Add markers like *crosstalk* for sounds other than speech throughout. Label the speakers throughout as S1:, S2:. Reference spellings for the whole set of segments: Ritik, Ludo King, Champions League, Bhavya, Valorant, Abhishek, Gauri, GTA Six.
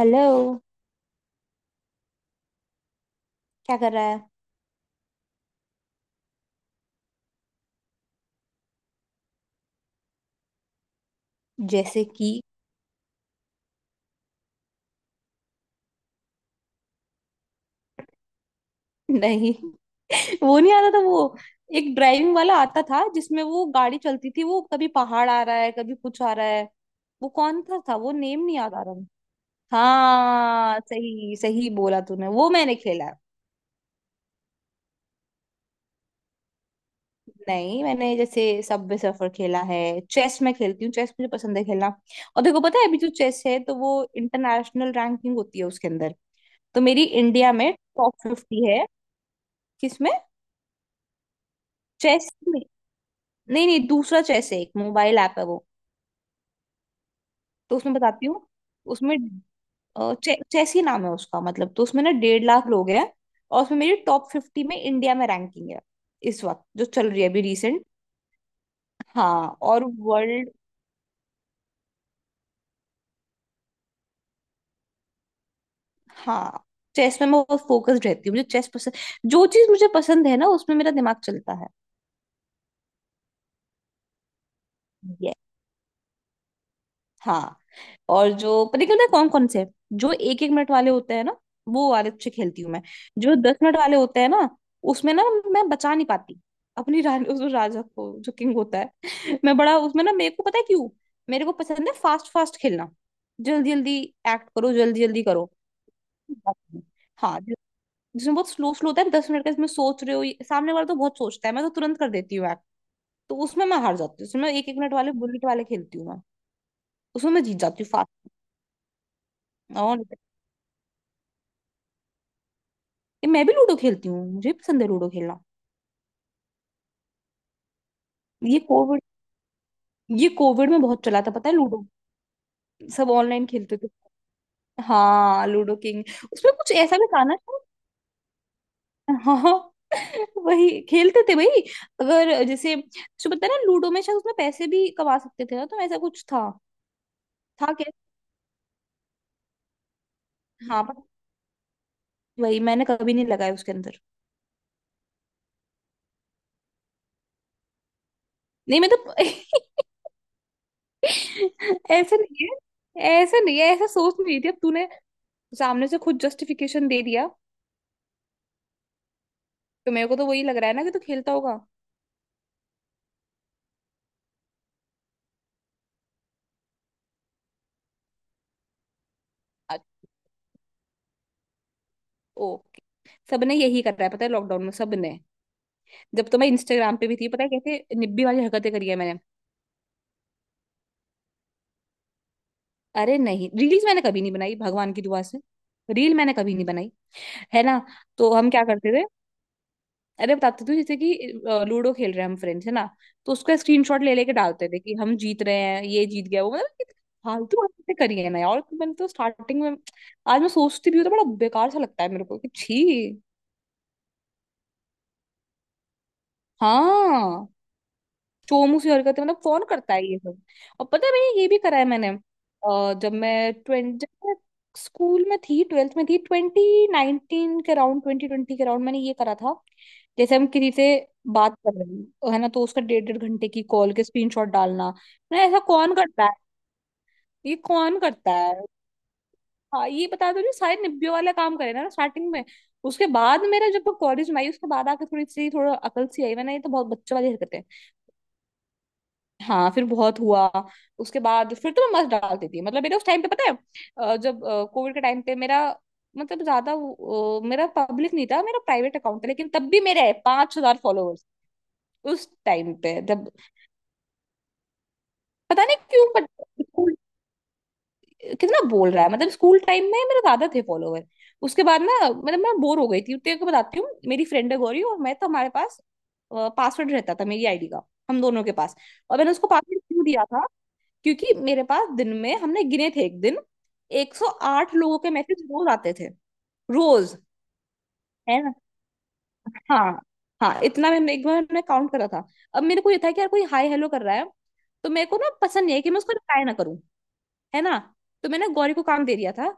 S1: Hello. क्या कर रहा है? जैसे कि? नहीं, *laughs* वो नहीं आता था। वो एक ड्राइविंग वाला आता था जिसमें वो गाड़ी चलती थी, वो कभी पहाड़ आ रहा है कभी कुछ आ रहा है। वो कौन था वो, नेम नहीं याद आ रहा। हाँ, सही सही बोला तूने, वो मैंने खेला है। नहीं, मैंने जैसे सबवे सफर खेला है। चेस मैं खेलती हूँ, चेस मुझे पसंद है खेलना। और देखो, पता है अभी जो चेस है तो वो इंटरनेशनल रैंकिंग होती है उसके अंदर। तो मेरी इंडिया में टॉप 50 है। किसमें? चेस। नहीं नहीं, दूसरा चेस है, एक मोबाइल ऐप है वो। तो उसमें बताती हूँ, उसमें चेस ही नाम है उसका। मतलब तो उसमें ना 1.5 लाख लोग हैं। और उसमें मेरी टॉप 50 में इंडिया में रैंकिंग है, इस वक्त जो चल रही है अभी, रिसेंट। हाँ और वर्ल्ड। हाँ, चेस में मैं बहुत फोकस्ड रहती हूँ, मुझे चेस पसंद। जो चीज मुझे पसंद है ना उसमें मेरा दिमाग चलता है। हाँ, और जो, पता क्यों ना कौन कौन से, जो एक एक मिनट वाले होते हैं ना, वो वाले अच्छे खेलती हूँ मैं। जो 10 मिनट वाले होते हैं ना, उसमें ना मैं बचा नहीं पाती अपनी रानी, उस राजा को जो किंग होता है। *laughs* मैं बड़ा उसमें ना, मेरे को पता है क्यों, मेरे को पसंद है फास्ट फास्ट खेलना, जल्दी जल्दी। एक्ट करो, जल्दी जल्दी करो। हाँ, जिसमें बहुत स्लो स्लो होता है, 10 मिनट का, इसमें सोच रहे हो, सामने वाला तो बहुत सोचता है, मैं तो तुरंत कर देती हूँ एक्ट। तो उसमें मैं हार जाती हूँ, उसमें एक एक मिनट वाले बुलेट वाले खेलती हूँ मैं। उसमें मैं जीत जाती हूँ फास्ट। ये, मैं भी लूडो खेलती हूँ, मुझे भी पसंद है लूडो खेलना। ये कोविड, ये कोविड में बहुत चला था पता है, लूडो। सब ऑनलाइन खेलते थे। हाँ लूडो किंग। उसमें कुछ ऐसा भी था ना शायद। हाँ, *laughs* वही खेलते थे भाई। अगर जैसे, जो, पता है ना, लूडो में शायद उसमें पैसे भी कमा सकते थे ना, तो ऐसा कुछ था। था क्या? हाँ पर वही मैंने कभी नहीं लगाया उसके अंदर। नहीं मतलब *laughs* ऐसा नहीं है, ऐसा नहीं है, ऐसा सोच नहीं रही थी, अब तूने सामने से खुद जस्टिफिकेशन दे दिया। तो मेरे को तो वही लग रहा है ना कि तू खेलता होगा। अच्छा, ओके। सबने यही कर रहा है पता है लॉकडाउन में, सबने। जब तो मैं इंस्टाग्राम पे भी थी, पता है कैसे निब्बी वाली हरकतें करी है मैंने। अरे नहीं, रील्स मैंने कभी नहीं बनाई भगवान की दुआ से। रील मैंने कभी नहीं बनाई। है ना, तो हम क्या करते थे? अरे बताते थे जैसे कि लूडो खेल रहे हैं हम फ्रेंड्स, है ना, तो उसका स्क्रीनशॉट ले लेके डालते थे कि हम जीत रहे हैं, ये जीत गया, वो, मतलब कि फालतू हरकतें करी है ना यार, तो मैंने तो स्टार्टिंग में। आज मैं सोचती भी हूँ तो बड़ा बेकार सा लगता है मेरे को, कि छी। हाँ, चोमू सी हरकत है, मतलब कौन करता है ये सब। और पता है भैया ये भी करा है मैंने, जब मैं स्कूल में थी, ट्वेल्थ में थी, 2019 के अराउंड, 2020 के अराउंड मैंने ये करा था। जैसे हम किसी से बात कर रहे हैं तो है ना, तो उसका डेढ़ डेढ़ घंटे की कॉल के स्क्रीनशॉट डालना। ना ऐसा कौन करता है? ये कौन करता है? हाँ ये बता दो, जो सारे निब्बे वाला काम करे ना स्टार्टिंग में, उसके बाद मेरा, जब कॉलेज में आई उसके बाद आके थोड़ी सी, थोड़ा अकल सी आई, मैंने ये तो बहुत बच्चों वाली हरकत है। हाँ फिर बहुत हुआ। उसके बाद फिर तो मैं मस्त डाल देती थी, मतलब मेरा उस टाइम पे, पता है जब कोविड के टाइम पे मेरा, मतलब ज्यादा वो, मेरा पब्लिक नहीं था, मेरा प्राइवेट अकाउंट था, लेकिन तब भी मेरे 5,000 फॉलोअर्स। उस टाइम पे, जब, पता नहीं क्यों बट, स्कूल, कितना बोल रहा है, मतलब स्कूल टाइम में मेरे ज्यादा थे फॉलोअर। उसके बाद ना, मतलब मैं बोर हो गई थी, तेरे को बताती हूँ, मेरी फ्रेंड है गौरी और मैं, तो हमारे पास पासवर्ड रहता था मेरी आईडी का, हम दोनों के पास। और मैंने उसको पासवर्ड क्यों दिया था? क्योंकि मेरे पास दिन में, हमने गिने थे एक दिन, 108 लोगों के मैसेज रोज आते थे, रोज। है ना, हाँ हाँ इतना, मैंने एक बार मैंने काउंट करा था। अब मेरे को ये था कि यार कोई हाय हेलो कर रहा है, तो मेरे को ना पसंद नहीं है कि मैं उसको रिप्लाई ना करूं। है ना, तो मैंने गौरी को काम दे दिया था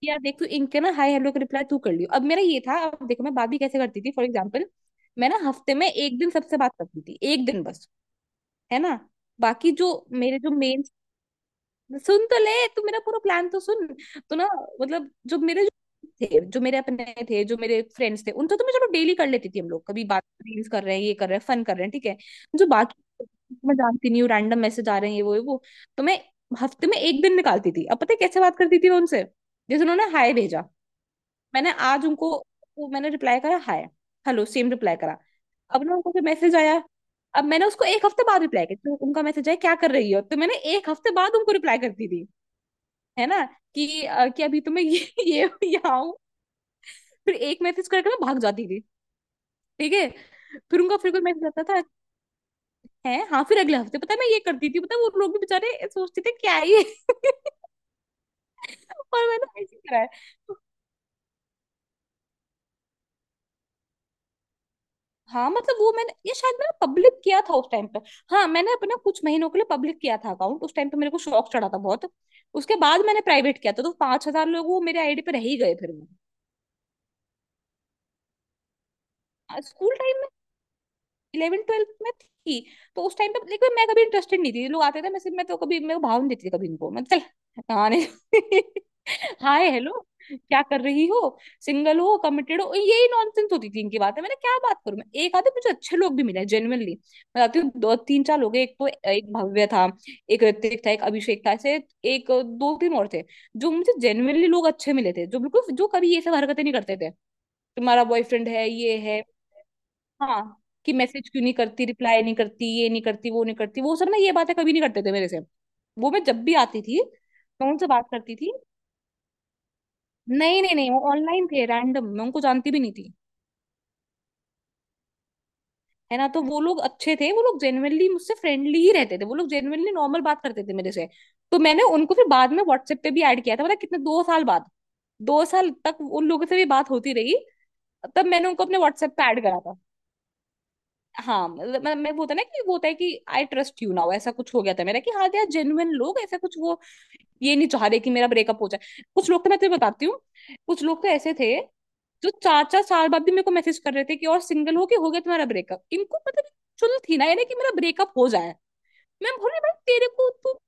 S1: कि यार देख तू इनके ना हाय हेलो का रिप्लाई तू कर लियो। अब मेरा ये था, अब देखो मैं बात भी कैसे करती थी, फॉर एग्जाम्पल। मैं ना हफ्ते में एक दिन सबसे बात करती थी, एक दिन बस। है ना। बाकी जो, मेरे जो मेन, सुन तो ले, तू मेरा पूरा प्लान तो सुन। तो ना, मतलब जो मेरे, जो थे, जो मेरे अपने थे, जो मेरे फ्रेंड्स थे, उनसे तो मैं चलो डेली कर लेती थी, हम लोग कभी बात, रील्स कर रहे हैं, ये कर रहे हैं, फन कर रहे हैं, ठीक है। जो बाकी मैं जानती नहीं हूँ, रैंडम मैसेज आ रहे हैं ये वो ये वो, तो मैं हफ्ते में एक दिन निकालती थी। अब पता है कैसे बात करती थी मैं उनसे, जैसे उन्होंने हाय भेजा। मैंने आज उनको, वो मैंने रिप्लाई करा हाय, हेलो सेम रिप्लाई करा। अब ना उनको मैसेज आया। अब मैंने उसको एक हफ्ते बाद रिप्लाई किया, तो उनका मैसेज आया क्या कर रही हो, तो मैंने एक हफ्ते बाद उनको रिप्लाई करती थी। है ना, कि अभी तो मैं ये *laughs* ये यहाँ हूँ। फिर एक मैसेज करके मैं भाग जाती थी, ठीक है। फिर उनका फिर कोई मैसेज आता था, है हाँ, फिर अगले हफ्ते पता है मैं ये करती थी, पता है वो लोग भी बेचारे सोचते थे क्या है ये। *laughs* और मैंने ऐसे ही करा है तो। हाँ मतलब वो, मैंने ये शायद मैंने पब्लिक किया था उस टाइम पे। हाँ मैंने अपना कुछ महीनों के लिए पब्लिक किया था अकाउंट, उस टाइम पे मेरे को शौक चढ़ा था बहुत। उसके बाद मैंने प्राइवेट किया था, तो 5,000 लोग वो मेरे आईडी पे रह ही गए फिर वो। स्कूल टाइम, इलेवन ट्वेल्थ में थी, तो उस टाइम पे। लेकिन मैं कभी इंटरेस्टेड नहीं थी, लोग आते थे, मैं सिर्फ, मैं तो कभी मेरे को भाव नहीं देती थी कभी, इनको मैं चल, आने। *laughs* हाय हेलो, क्या कर रही हो, सिंगल हो, कमिटेड हो, यही नॉनसेंस होती थी इनकी बातें, मैंने क्या बात करूं मैं। एक आधे मुझे अच्छे लोग भी मिले जेन्युइनली। मैं जाती हूँ, दो तीन चार लोग हैं। एक तो, एक भव्य था। एक ऋतिक था, एक अभिषेक था, ऐसे एक दो तीन और थे, जो मुझे जेन्युइनली लोग अच्छे मिले थे, जो बिल्कुल जो कभी ये सब हरकतें नहीं करते थे। तुम्हारा बॉयफ्रेंड है ये है, हाँ, कि मैसेज क्यों नहीं करती, रिप्लाई नहीं करती, ये नहीं करती, वो नहीं करती, वो सब ना ये बातें कभी नहीं करते थे मेरे से। वो मैं जब भी आती थी मैं उनसे बात करती थी। नहीं नहीं नहीं, वो ऑनलाइन थे रैंडम, मैं उनको जानती भी नहीं थी। है ना, तो वो लोग अच्छे थे, वो लोग जेन्युइनली मुझसे फ्रेंडली ही रहते थे, वो लोग जेन्युइनली नॉर्मल बात करते थे मेरे से। तो मैंने उनको फिर बाद में व्हाट्सएप पे भी ऐड किया था, पता है कितने? 2 साल बाद। 2 साल तक उन लोगों से भी बात होती रही, तब मैंने उनको अपने व्हाट्सएप पे ऐड करा था। हाँ मतलब मैं वो होता है ना, कि वो होता है कि आई ट्रस्ट यू नाउ, ऐसा कुछ हो गया था मेरा, कि हाँ यार जेन्युइन लोग, ऐसा कुछ वो। ये नहीं चाह रहे कि मेरा ब्रेकअप हो जाए, कुछ लोग तो मैं तुझे बताती हूँ, कुछ लोग तो ऐसे थे, जो चार चार साल बाद भी मेरे को मैसेज कर रहे थे, कि और सिंगल हो, के हो गया तुम्हारा ब्रेकअप, इनको मतलब चुल थी ना यानी कि मेरा ब्रेकअप हो जाए, मैं बोल रही भाई तेरे को तो।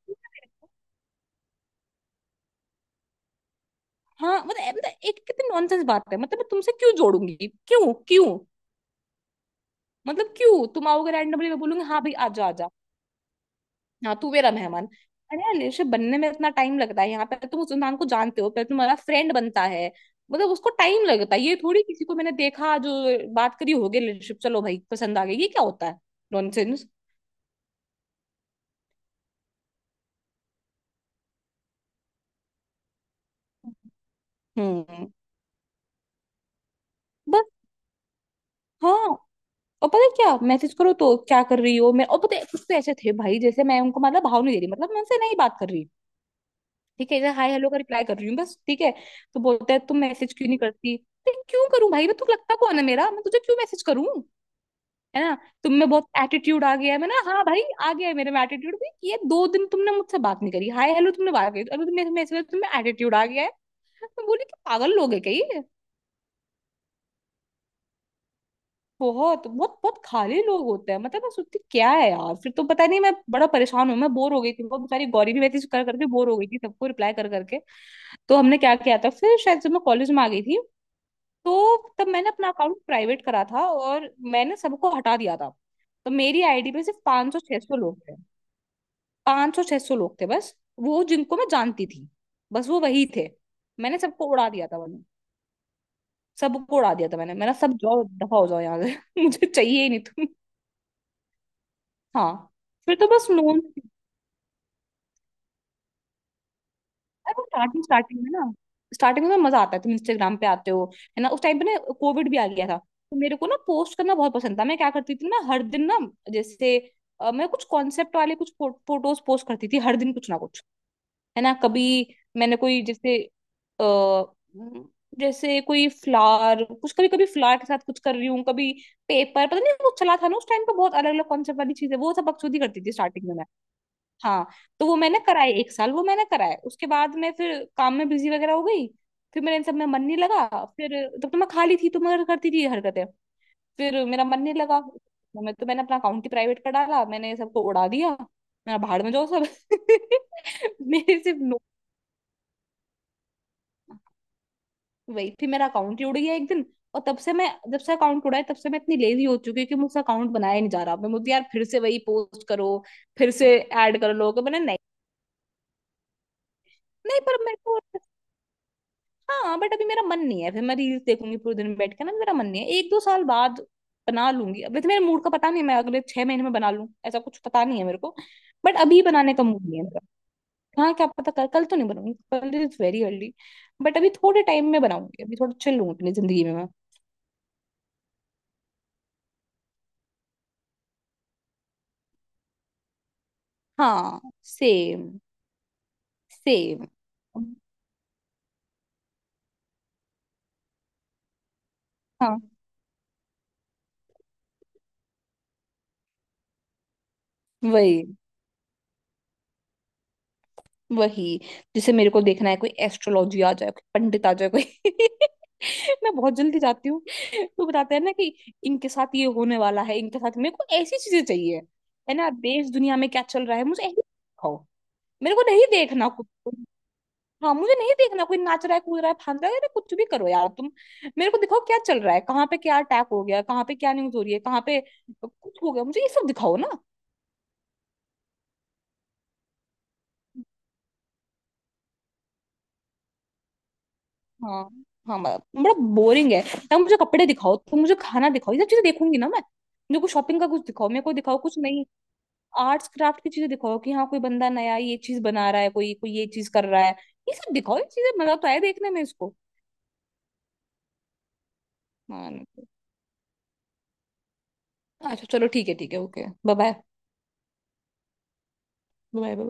S1: हाँ मतलब मतलब एक, कितनी नॉनसेंस बात है, मतलब मैं तुमसे क्यों जोड़ूंगी? क्यों क्यों? मतलब क्यों तुम आओगे रैंडमली, मैं बोलूंगी हाँ भाई आ जा। हाँ तू मेरा मेहमान। अरे यार रिलेशनशिप बनने में इतना टाइम लगता है, यहाँ पे तुम उस इंसान को जानते हो, फिर तुम्हारा फ्रेंड बनता है। मतलब उसको टाइम लगता है, ये थोड़ी किसी को मैंने देखा, जो बात करी होगी, रिलेशनशिप चलो भाई पसंद आ गई, ये क्या होता है? नॉनसेंस। हम्म, बस। हाँ, और पता है क्या मैसेज करो तो क्या कर रही हो मैं, और पता है कुछ तो ऐसे थे भाई, जैसे मैं उनको मतलब भाव नहीं दे रही मतलब मैं उनसे नहीं बात कर रही। ठीक है, जैसे हाय हेलो का रिप्लाई कर रही हूँ बस, ठीक है। तो बोलते हैं तुम मैसेज क्यों नहीं करती। तो क्यों करूं भाई, मैं तुझे लगता कौन है मेरा, मैं तुझे क्यों मैसेज करूं, है ना। तुम में बहुत एटीट्यूड आ गया है, मैं ना, हाँ भाई आ गया है मेरे में एटीट्यूड भी, ये दो दिन तुमने मुझसे बात नहीं करी, हाय हेलो तुमने बात करी अभी तुमने मैसेज में, तुम्हें एटीट्यूड आ गया है। मैं बोली कि पागल लोग है क्या ये। बहुत बहुत बहुत खाली लोग होते हैं। मतलब मैं सोचती क्या है यार, फिर तो पता नहीं, मैं बड़ा परेशान हूँ, मैं बोर हो गई थी, वो बेचारी गौरी भी मैसेज कर करके बोर हो गई थी सबको रिप्लाई कर करके। तो हमने क्या किया था फिर, शायद जब मैं कॉलेज में आ गई थी, तो तब मैंने अपना अकाउंट प्राइवेट करा था और मैंने सबको हटा दिया था। तो मेरी आईडी पे सिर्फ 500 सौ छह सौ लोग थे, 500-600 लोग थे बस, वो जिनको मैं जानती थी, बस वो वही थे। मैंने सबको उड़ा दिया था वरना, सबको उड़ा दिया था मैंने मैंने सब जाओ दफा हो जाओ यहाँ से *laughs* मुझे चाहिए ही नहीं तुम। हाँ। फिर तो बस नोन। अरे वो स्टार्टिंग स्टार्टिंग में ना, स्टार्टिंग में मजा आता है, तुम इंस्टाग्राम पे आते हो, है ना। उस टाइम पे ना कोविड भी आ गया था, तो मेरे को ना पोस्ट करना बहुत पसंद था, मैं क्या करती थी ना हर दिन ना, जैसे मैं कुछ कॉन्सेप्ट वाले कुछ फोटोज पोस्ट करती थी हर दिन कुछ ना कुछ, है ना। कभी मैंने कोई जैसे, अ जैसे कोई फ्लावर कुछ, कभी कभी फ्लावर के साथ कुछ कर रही हूँ, कभी पेपर, पता नहीं वो चला था ना उस टाइम पे बहुत अलग अलग कॉन्सेप्ट वाली चीजें, वो सब बकचोदी करती थी स्टार्टिंग में मैं। हाँ। तो वो मैंने कराए 1 साल, वो मैंने कराए, उसके बाद मैं फिर काम में बिजी वगैरह हो गई, फिर मेरे इन सब में मन नहीं लगा फिर। तब तो मैं खाली थी तो मैं करती थी ये हरकतें। फिर मेरा मन नहीं लगा, मैं तो मैंने अपना अकाउंट ही प्राइवेट कर डाला, मैंने सबको उड़ा दिया। मेरा भाड़ में जाओ सब। *laughs* मेरे सिर्फ, वही फिर मेरा अकाउंट ही उड़ गया 1 दिन। और तब से मैं, जब से अकाउंट उड़ा है तब से मैं इतनी लेजी हो चुकी हूँ कि मुझसे अकाउंट बनाया ही नहीं जा रहा, मैं मुझे यार फिर से वही पोस्ट करो, फिर से ऐड कर लो, कि मैंने नहीं। नहीं पर मेरे को, हाँ बट अभी मेरा मन नहीं है, फिर मैं रील्स देखूंगी पूरे दिन बैठ के ना, मेरा मन नहीं है। 1-2 साल बाद बना लूंगी, अभी तो मेरे मूड का पता नहीं है, मैं अगले 6 महीने में बना लूं ऐसा कुछ पता नहीं है मेरे को। बट अभी बनाने का मूड नहीं है मेरा। हाँ क्या पता, कल, कल तो नहीं बनाऊंगी, कल इज वेरी अर्ली। बट अभी थोड़े टाइम में बनाऊंगी, अभी थोड़ा चिल लूं अपनी जिंदगी में मैं। हाँ। सेम। सेम। हाँ। वही। वही। जैसे मेरे को देखना है, कोई एस्ट्रोलॉजी आ जाए, कोई पंडित आ जाए कोई *laughs* मैं बहुत जल्दी जाती हूँ, तो बताते हैं ना कि इनके साथ ये होने वाला है, इनके साथ, मेरे को ऐसी चीजें चाहिए, है ना, देश दुनिया में क्या चल रहा है मुझे ऐसी दिखाओ। मेरे को नहीं देखना कुछ। हाँ मुझे नहीं देखना कोई नाच रहा है, कूद रहा है, फांद रहा है, अरे कुछ भी करो यार तुम। मेरे को दिखाओ क्या चल रहा है, कहाँ पे क्या अटैक हो गया, कहाँ पे क्या न्यूज हो रही है, कहाँ पे कुछ हो गया, मुझे ये सब दिखाओ ना। हाँ। हाँ बड़ा, बड़ा बोरिंग है। या मुझे कपड़े दिखाओ, तुम मुझे खाना दिखाओ, ये सब चीजें देखूंगी ना मैं। मेरे को शॉपिंग का कुछ दिखाओ, मेरे को दिखाओ कुछ नहीं, आर्ट्स क्राफ्ट की चीजें दिखाओ, कि हाँ कोई बंदा नया ये चीज बना रहा है, कोई कोई ये चीज कर रहा है, ये सब दिखाओ, ये चीजें मजा तो आए देखने में इसको। हाँ। अच्छा चलो ठीक है, ठीक है, ओके बाय, बाय बाय।